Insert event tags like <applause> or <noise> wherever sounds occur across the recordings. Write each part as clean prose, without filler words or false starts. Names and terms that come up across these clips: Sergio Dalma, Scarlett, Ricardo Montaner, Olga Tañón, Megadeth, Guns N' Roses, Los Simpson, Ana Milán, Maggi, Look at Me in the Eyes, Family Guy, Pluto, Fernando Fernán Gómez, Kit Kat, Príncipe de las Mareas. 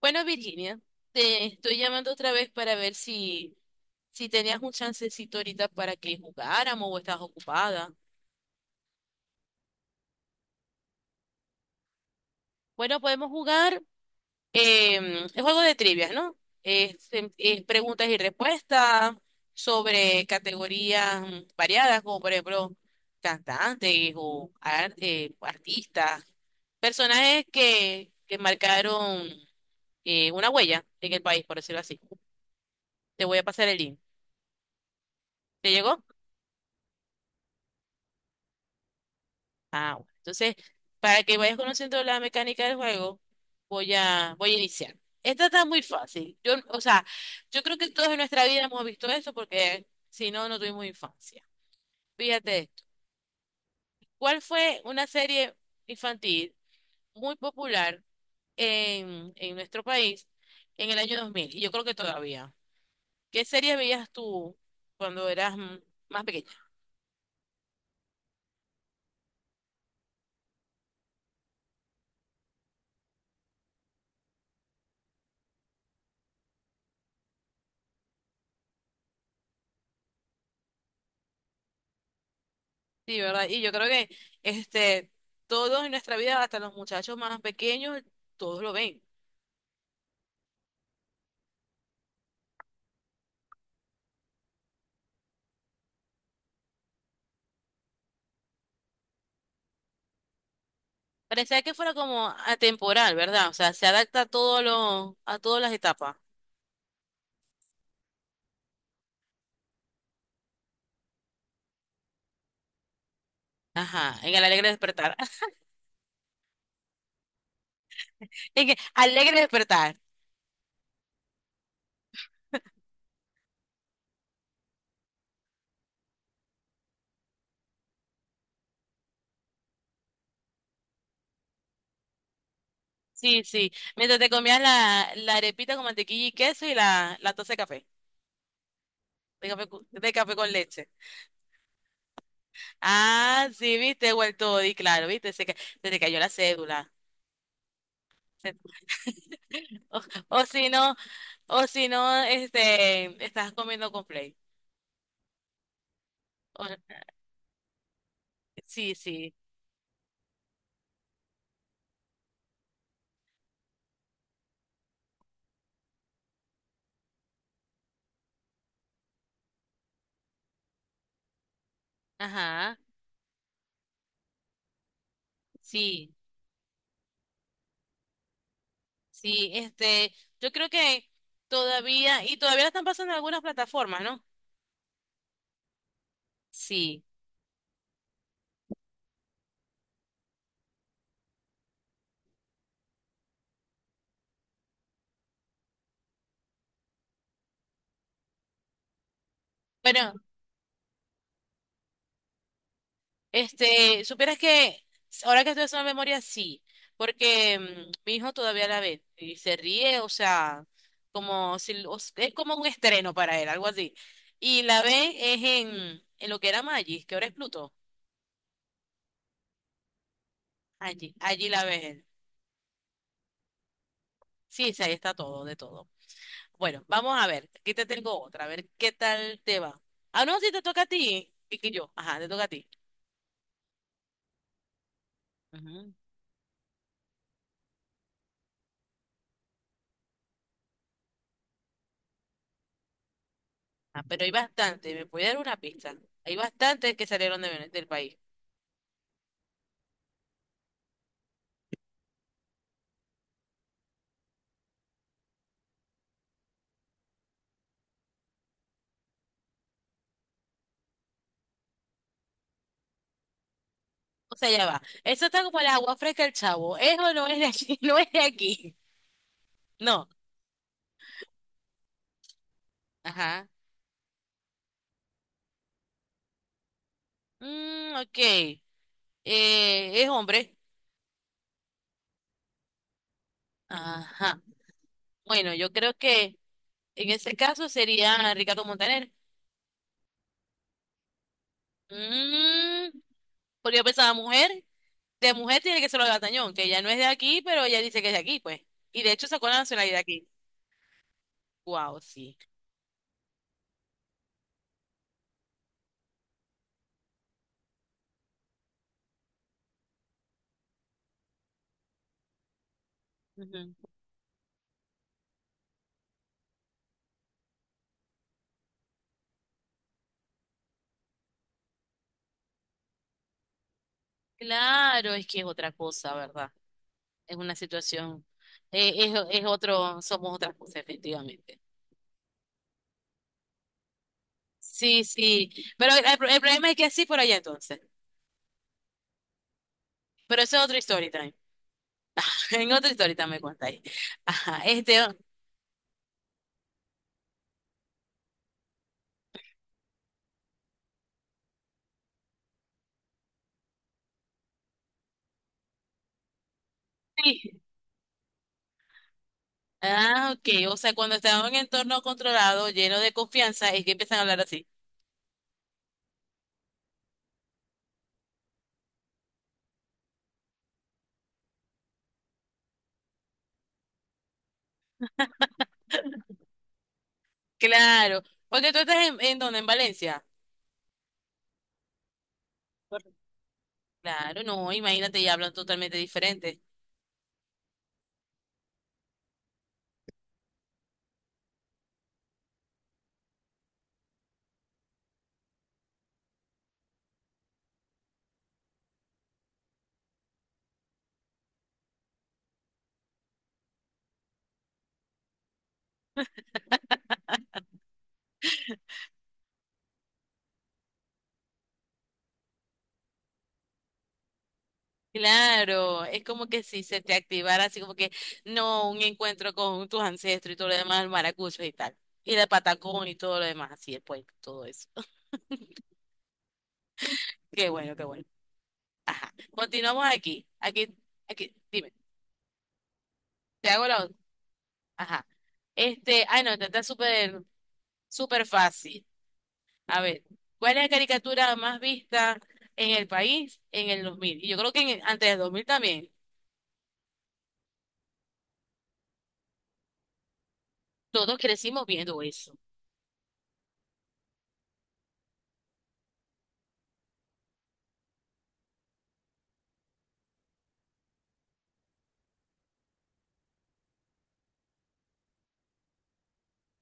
Bueno, Virginia, te estoy llamando otra vez para ver si tenías un chancecito ahorita para que jugáramos o estás ocupada. Bueno, podemos jugar el juego de trivias, ¿no? Es preguntas y respuestas sobre categorías variadas, como por ejemplo cantantes o artistas, personajes que marcaron una huella en el país, por decirlo así. Te voy a pasar el link. ¿Te llegó? Ah, bueno. Entonces, para que vayas conociendo la mecánica del juego, voy a iniciar. Esta está muy fácil. Yo, o sea, yo creo que todos en nuestra vida hemos visto eso porque si no, no tuvimos infancia. Fíjate esto. ¿Cuál fue una serie infantil muy popular en nuestro país en el año 2000? Y yo creo que todavía. ¿Qué serie veías tú cuando eras más pequeña? Sí, ¿verdad? Y yo creo que este, todos en nuestra vida, hasta los muchachos más pequeños, todos lo ven. Parecía que fuera como atemporal, ¿verdad? O sea, se adapta a a todas las etapas. Ajá, en el alegre despertar. <laughs> En el alegre despertar. Sí, sí. Mientras te comías la arepita con mantequilla y queso y la taza de café. De café, de café con leche. Ah, sí, viste, vuelto y claro, viste, se te cayó la cédula. <laughs> Se- o o si no. O si no, este, estás comiendo con play sí, sí. Ajá. Sí. Sí, este, yo creo que todavía, y todavía la están pasando en algunas plataformas, ¿no? Sí. Bueno, este, supieras que ahora que estoy haciendo memoria, sí, porque mi hijo todavía la ve y se ríe, o sea, como si o es como un estreno para él, algo así. Y la ve es en lo que era Maggi, que ahora es Pluto. Allí la ve él. Sí, sí, ahí está todo, de todo. Bueno, vamos a ver. Aquí te tengo otra, a ver qué tal te va. Ah, no, sí, te toca a ti. Y que yo, ajá, te toca a ti. Ujú. Ah, pero hay bastante, ¿me puede dar una pista? Hay bastantes que salieron de del país. O sea, ya va. Eso está como el agua fresca el chavo. Eso no es de aquí, <laughs> no es de aquí. No. Ajá. Mm, ok. Es hombre. Ajá. Bueno, yo creo que en ese caso sería Ricardo Montaner. Mm, porque yo pensaba mujer. De mujer tiene que ser Olga Tañón, que ella no es de aquí, pero ella dice que es de aquí, pues. Y de hecho sacó la nacionalidad aquí. Wow, sí. Ujú. Claro, es que es otra cosa, ¿verdad? Es una situación, es otro, somos otra cosa, efectivamente. Sí, sí. Pero el problema es que sí por allá entonces. Pero eso es otra historia también. <laughs> En otra historia también me contáis. Ajá, este. Sí. Ah, ok. O sea, cuando estamos en entorno controlado, lleno de confianza, es que empiezan a hablar así. Claro. Porque tú estás en dónde, en Valencia. Claro, no, imagínate, ya hablan totalmente diferente. Claro, es como que si se te activara así como que, no, un encuentro con tus ancestros y todo lo demás, el maracucho y tal. Y la patacón y todo lo demás, así después, todo eso. <laughs> Qué bueno, qué bueno. Ajá. Continuamos aquí, dime, te hago la otra. Ajá. Este, ay no, esta está súper, súper fácil. A ver, ¿cuál es la caricatura más vista en el país en el 2000? Y yo creo que en antes del 2000 también. Todos crecimos viendo eso.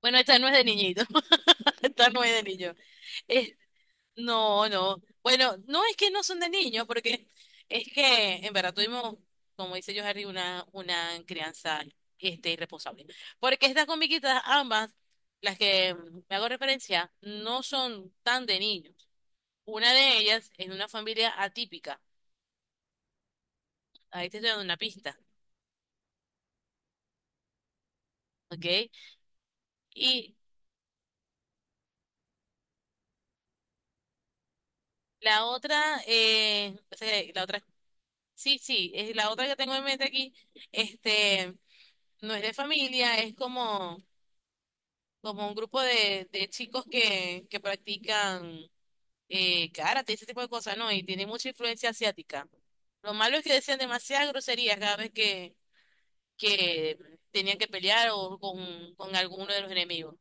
Bueno, esta no es de niñito. <laughs> Esta no es de niño. Es- no, no. Bueno, no es que no son de niños, porque es que en verdad tuvimos, como dice yo, Harry, una crianza este, irresponsable. Porque estas comiquitas, ambas, las que me hago referencia, no son tan de niños. Una de ellas es de una familia atípica. Ahí te estoy dando una pista, ¿ok? Y la otra, la otra Sí, sí, es la otra que tengo en mente aquí, este, no es de familia, es como, como un grupo de chicos que practican karate, ese tipo de cosas, ¿no? Y tiene mucha influencia asiática. Lo malo es que decían demasiadas groserías cada vez que tenían que pelear o con alguno de los enemigos.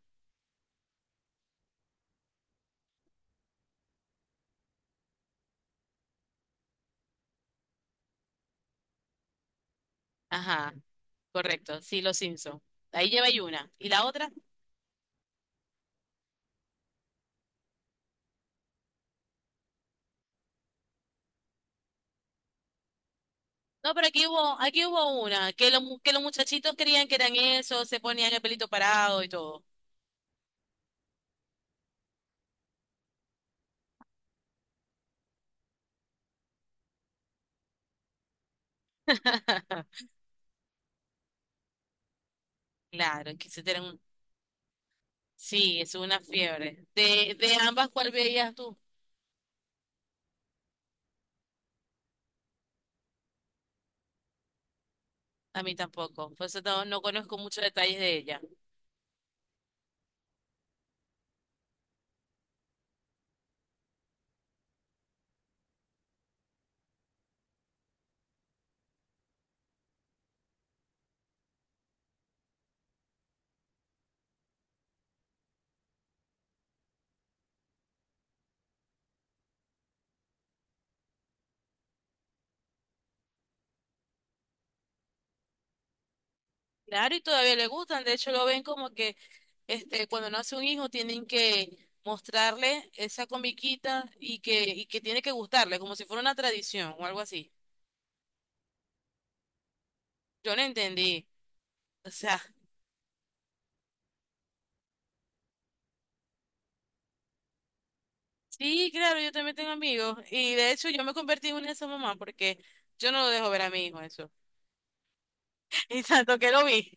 Ajá, correcto, sí, los Simpson. Ahí lleva y una. ¿Y la otra? No, pero aquí hubo una, que, los que los muchachitos creían que eran eso, se ponían el pelito parado y todo. <laughs> Claro, que se tienen un... Sí, es una fiebre. De ambas, ¿cuál veías tú? A mí tampoco. Por eso no, no conozco muchos detalles de ella. Claro, y todavía le gustan. De hecho, lo ven como que este, cuando nace un hijo tienen que mostrarle esa comiquita y y que tiene que gustarle, como si fuera una tradición o algo así. Yo no entendí. O sea, sí, claro, yo también tengo amigos. Y de hecho, yo me convertí en una de esas mamás porque yo no lo dejo ver a mi hijo eso. <laughs> Y tanto que lo vi.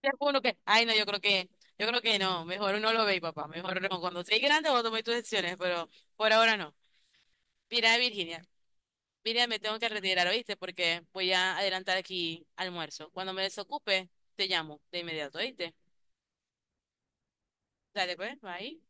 Te juro que, ay no, yo creo que no, mejor no lo veis, papá, mejor no. Cuando seas grande vos tomé tus decisiones, pero por ahora no. Mira, Virginia, mira, me tengo que retirar, ¿oíste? Porque voy a adelantar aquí almuerzo. Cuando me desocupe, te llamo de inmediato, ¿oíste? Dale, pues, ahí.